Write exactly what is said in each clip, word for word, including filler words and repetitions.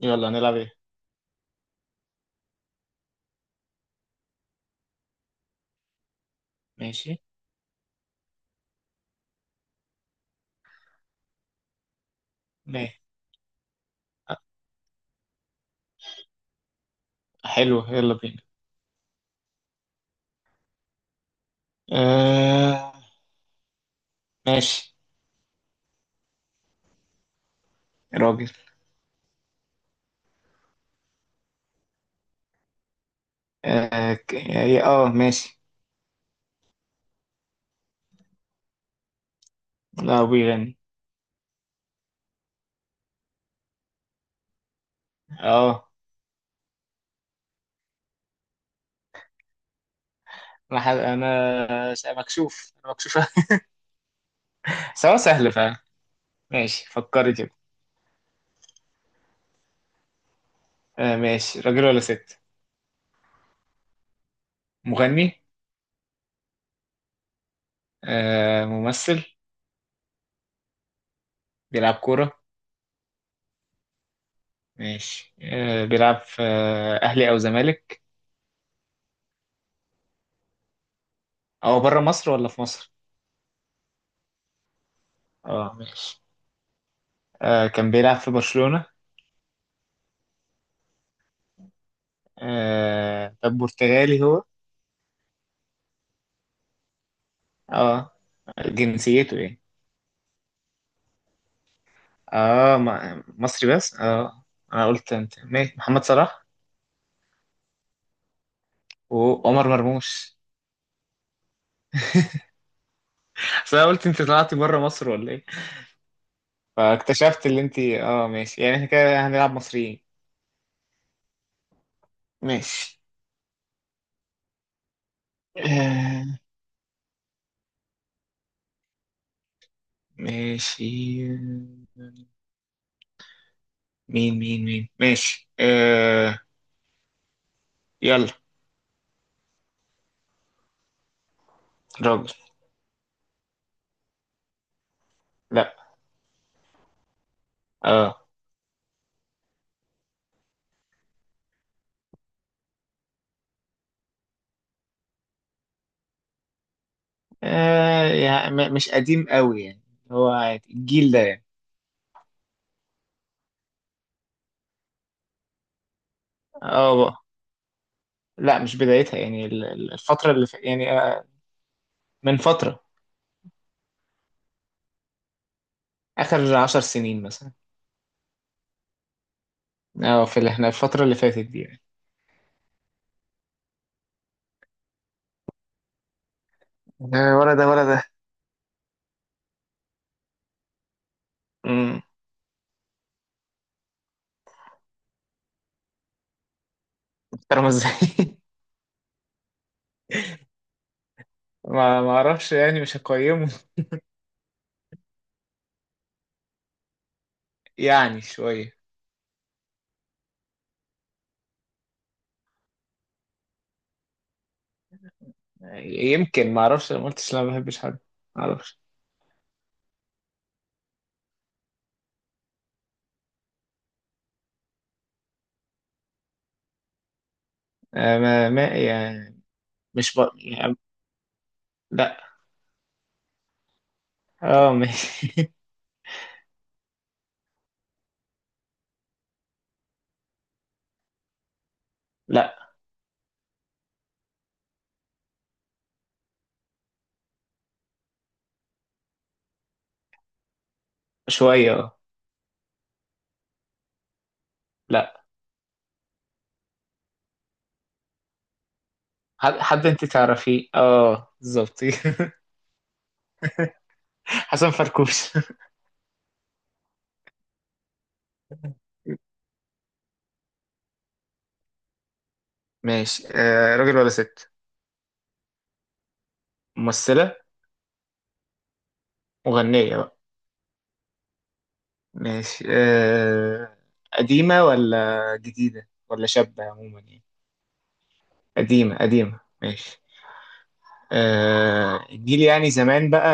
يلا، نلعب ايه؟ ماشي. ليه؟ أ- حلو، يلا بينا. آه، ماشي. يا راجل. اه ك- إيه، آه، ماشي. لا، هو بيغني. اه، انا ح- انا س- مكشوف، انا مكشوف. سواء سهل فعلا. ماشي، فكري كده. آه، ماشي، راجل ولا ست؟ مغني؟ آه، ممثل؟ بيلعب كورة؟ ماشي، آه بيلعب في آه، اهلي او زمالك؟ او بره مصر ولا في مصر؟ اه، ماشي. آه، كان بيلعب في برشلونة؟ آه، طب برتغالي هو؟ اه. جنسيته ايه؟ اه، ما- مصري بس اه انا قلت انت ماشي محمد صلاح وعمر مرموش، بس انا قلت انت طلعتي بره مصر ولا ايه. فاكتشفت اللي انت، اه، ماشي يعني، احنا كده هنلعب مصريين. ماشي. آه. ماشي، مين مين مين، ماشي، آه، يلا. راجل. لا. اه. آه. يعني م- مش قديم قوي يعني. هو عادي الجيل ده يعني. اه. لا، مش بدايتها يعني، ال- ال- الفترة اللي ف... يعني آه، من فترة. آخر عشر سنين مثلا. اه، في اللي احنا الفترة اللي فاتت دي يعني. لا، ولا ده ولا ده. امم محترمة ازاي؟ ما ما اعرفش يعني، مش هقيمه. يعني شوية. يمكن، ما اعرفش، ما قلتش لا ما بحبش حد. ما اعرفش. آه، ما ما يعني، مش ب... يعني. لا. اه، ماشي. لا. شوية، اه. لا. حد حد انت تعرفيه، اه، بالظبط. حسن فركوش. ماشي، آه، راجل ولا ست؟ ممثلة؟ مغنية بقى؟ ماشي، آه، قديمة ولا جديدة ولا شابة عموما يعني؟ قديمة قديمة، ماشي. آه، الجيل يعني زمان بقى،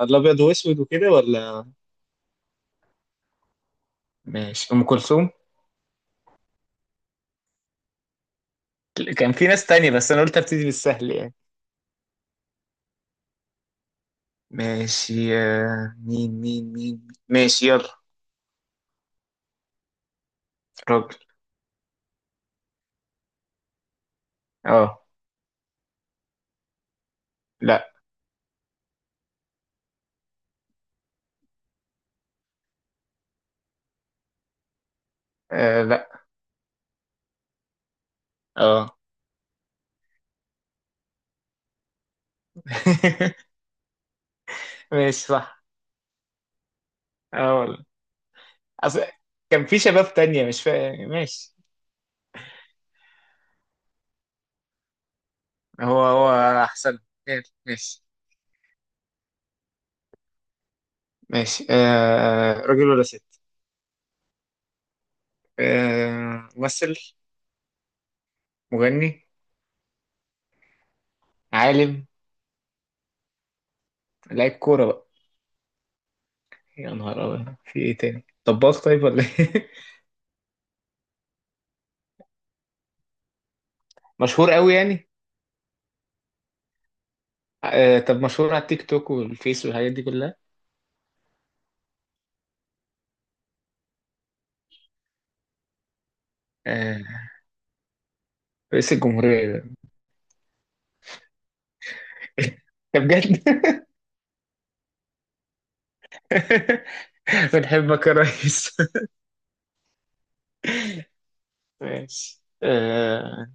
الأبيض وأسود وكده، ولا؟ ماشي. أم كلثوم. كان في ناس تانية، بس أنا قلت أبتدي بالسهل يعني. ماشي، آه، مين مين مين، ماشي، يلا. راجل. اه. لا. آه، لا. اه. ماشي، صح. اه والله. أصل كان في شباب تانية، مش فاهم، ماشي. هو هو احسن. ماشي، ماشي. ماشي، آه، راجل ولا ست؟ آه، ممثل؟ مغني؟ عالم؟ لعيب كورة بقى؟ يا نهار أبيض، في ايه تاني، طباخ طيب ولا ايه؟ مشهور قوي يعني؟ آه، طب مشهور على التيك توك والفيس والحاجات دي كلها؟ آه، رئيس الجمهورية ده. ده بجد. بنحبك يا ريس. ماشي، آه.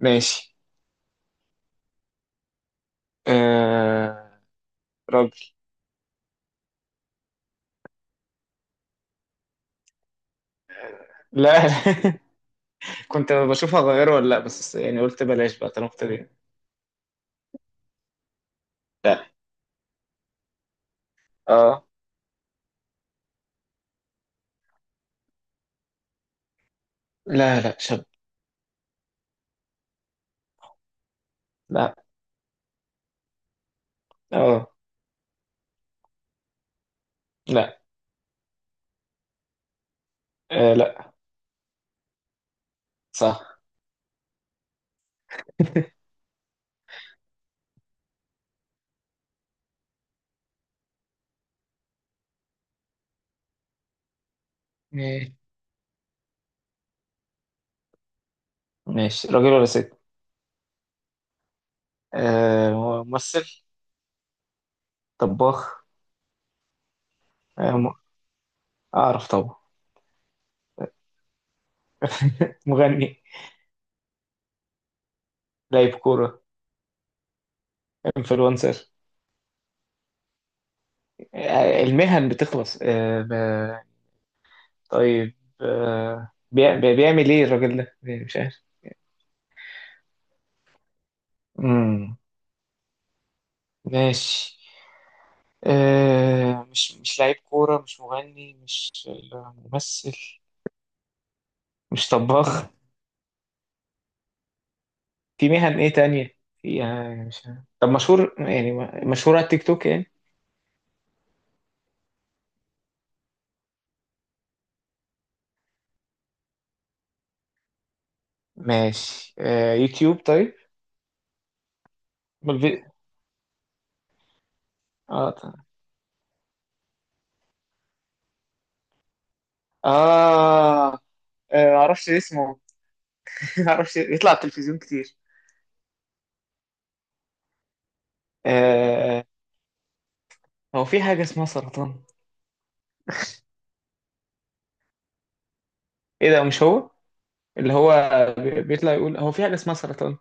ماشي. آه. راجل. لا. كنت بشوف هغيره ولا لا، بس يعني قلت بلاش بقى طالما ابتدينا. لا. اه. لا لا، شاب. لا. اه. لا. آه، لا. صح. ماشي. ماشي، راجل ولا ست؟ آه، ممثل؟ طباخ؟ آه، م... اعرف طبعا. مغني؟ لاعب كورة؟ انفلونسر؟ آه، المهن بتخلص، آه ب... طيب. آه، بيع- بيعمل ايه الراجل ده، مش عارف. امم ماشي. آه، مش مش لعيب كورة، مش مغني، مش ممثل، مش طباخ. في مهن ايه تانية فيها، مش عارف. طب، مشهور يعني؟ مشهور على التيك توك يعني؟ ماشي، آه، يوتيوب طيب؟ امال في- اه، طيب. اه. آه، معرفش اسمه. معرفش يطلع على التلفزيون كتير. آه، هو في حاجة اسمها سرطان. ايه ده، مش هو؟ اللي هو، بي- بيطلع يقول هو في حاجة اسمها سرطان.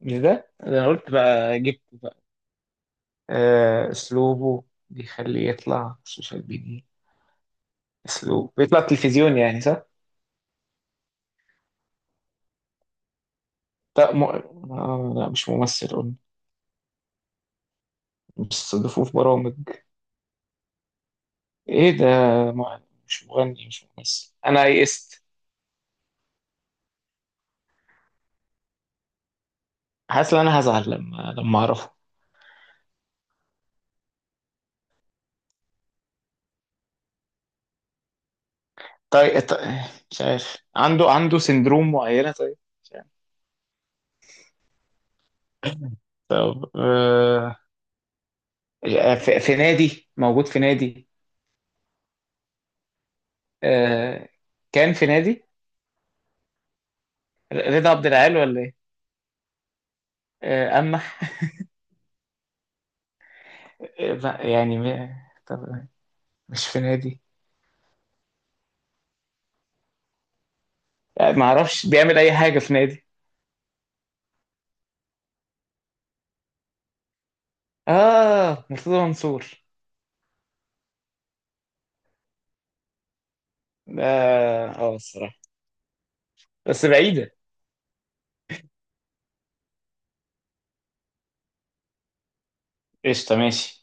مش ده، ده انا قلت بقى جبت. آه، اسلوبه بيخليه يطلع سوشيال ميديا. اسلوب بيطلع تلفزيون يعني، صح؟ لا، م... آه لا، مش ممثل قلنا، بيستضيفوه في برامج، ايه ده؟ م... مش مغني، مش ممثل، انا يئست. حاسس ان انا هزعل لما لما اعرفه. طيب، ط- مش عارف، عنده عنده سندروم معينة طيب، مش عارف. طب، آه. آه، في... في نادي، موجود في نادي. آه. كان في نادي. ر- رضا عبد العال ولا ايه؟ آه، اما. إيه بقى يعني م- طب، مش في نادي؟ آه، ما اعرفش بيعمل اي حاجه في نادي. اه، مرتضى منصور ده. اه، الصراحه بس بعيده. قشطه، ماشي.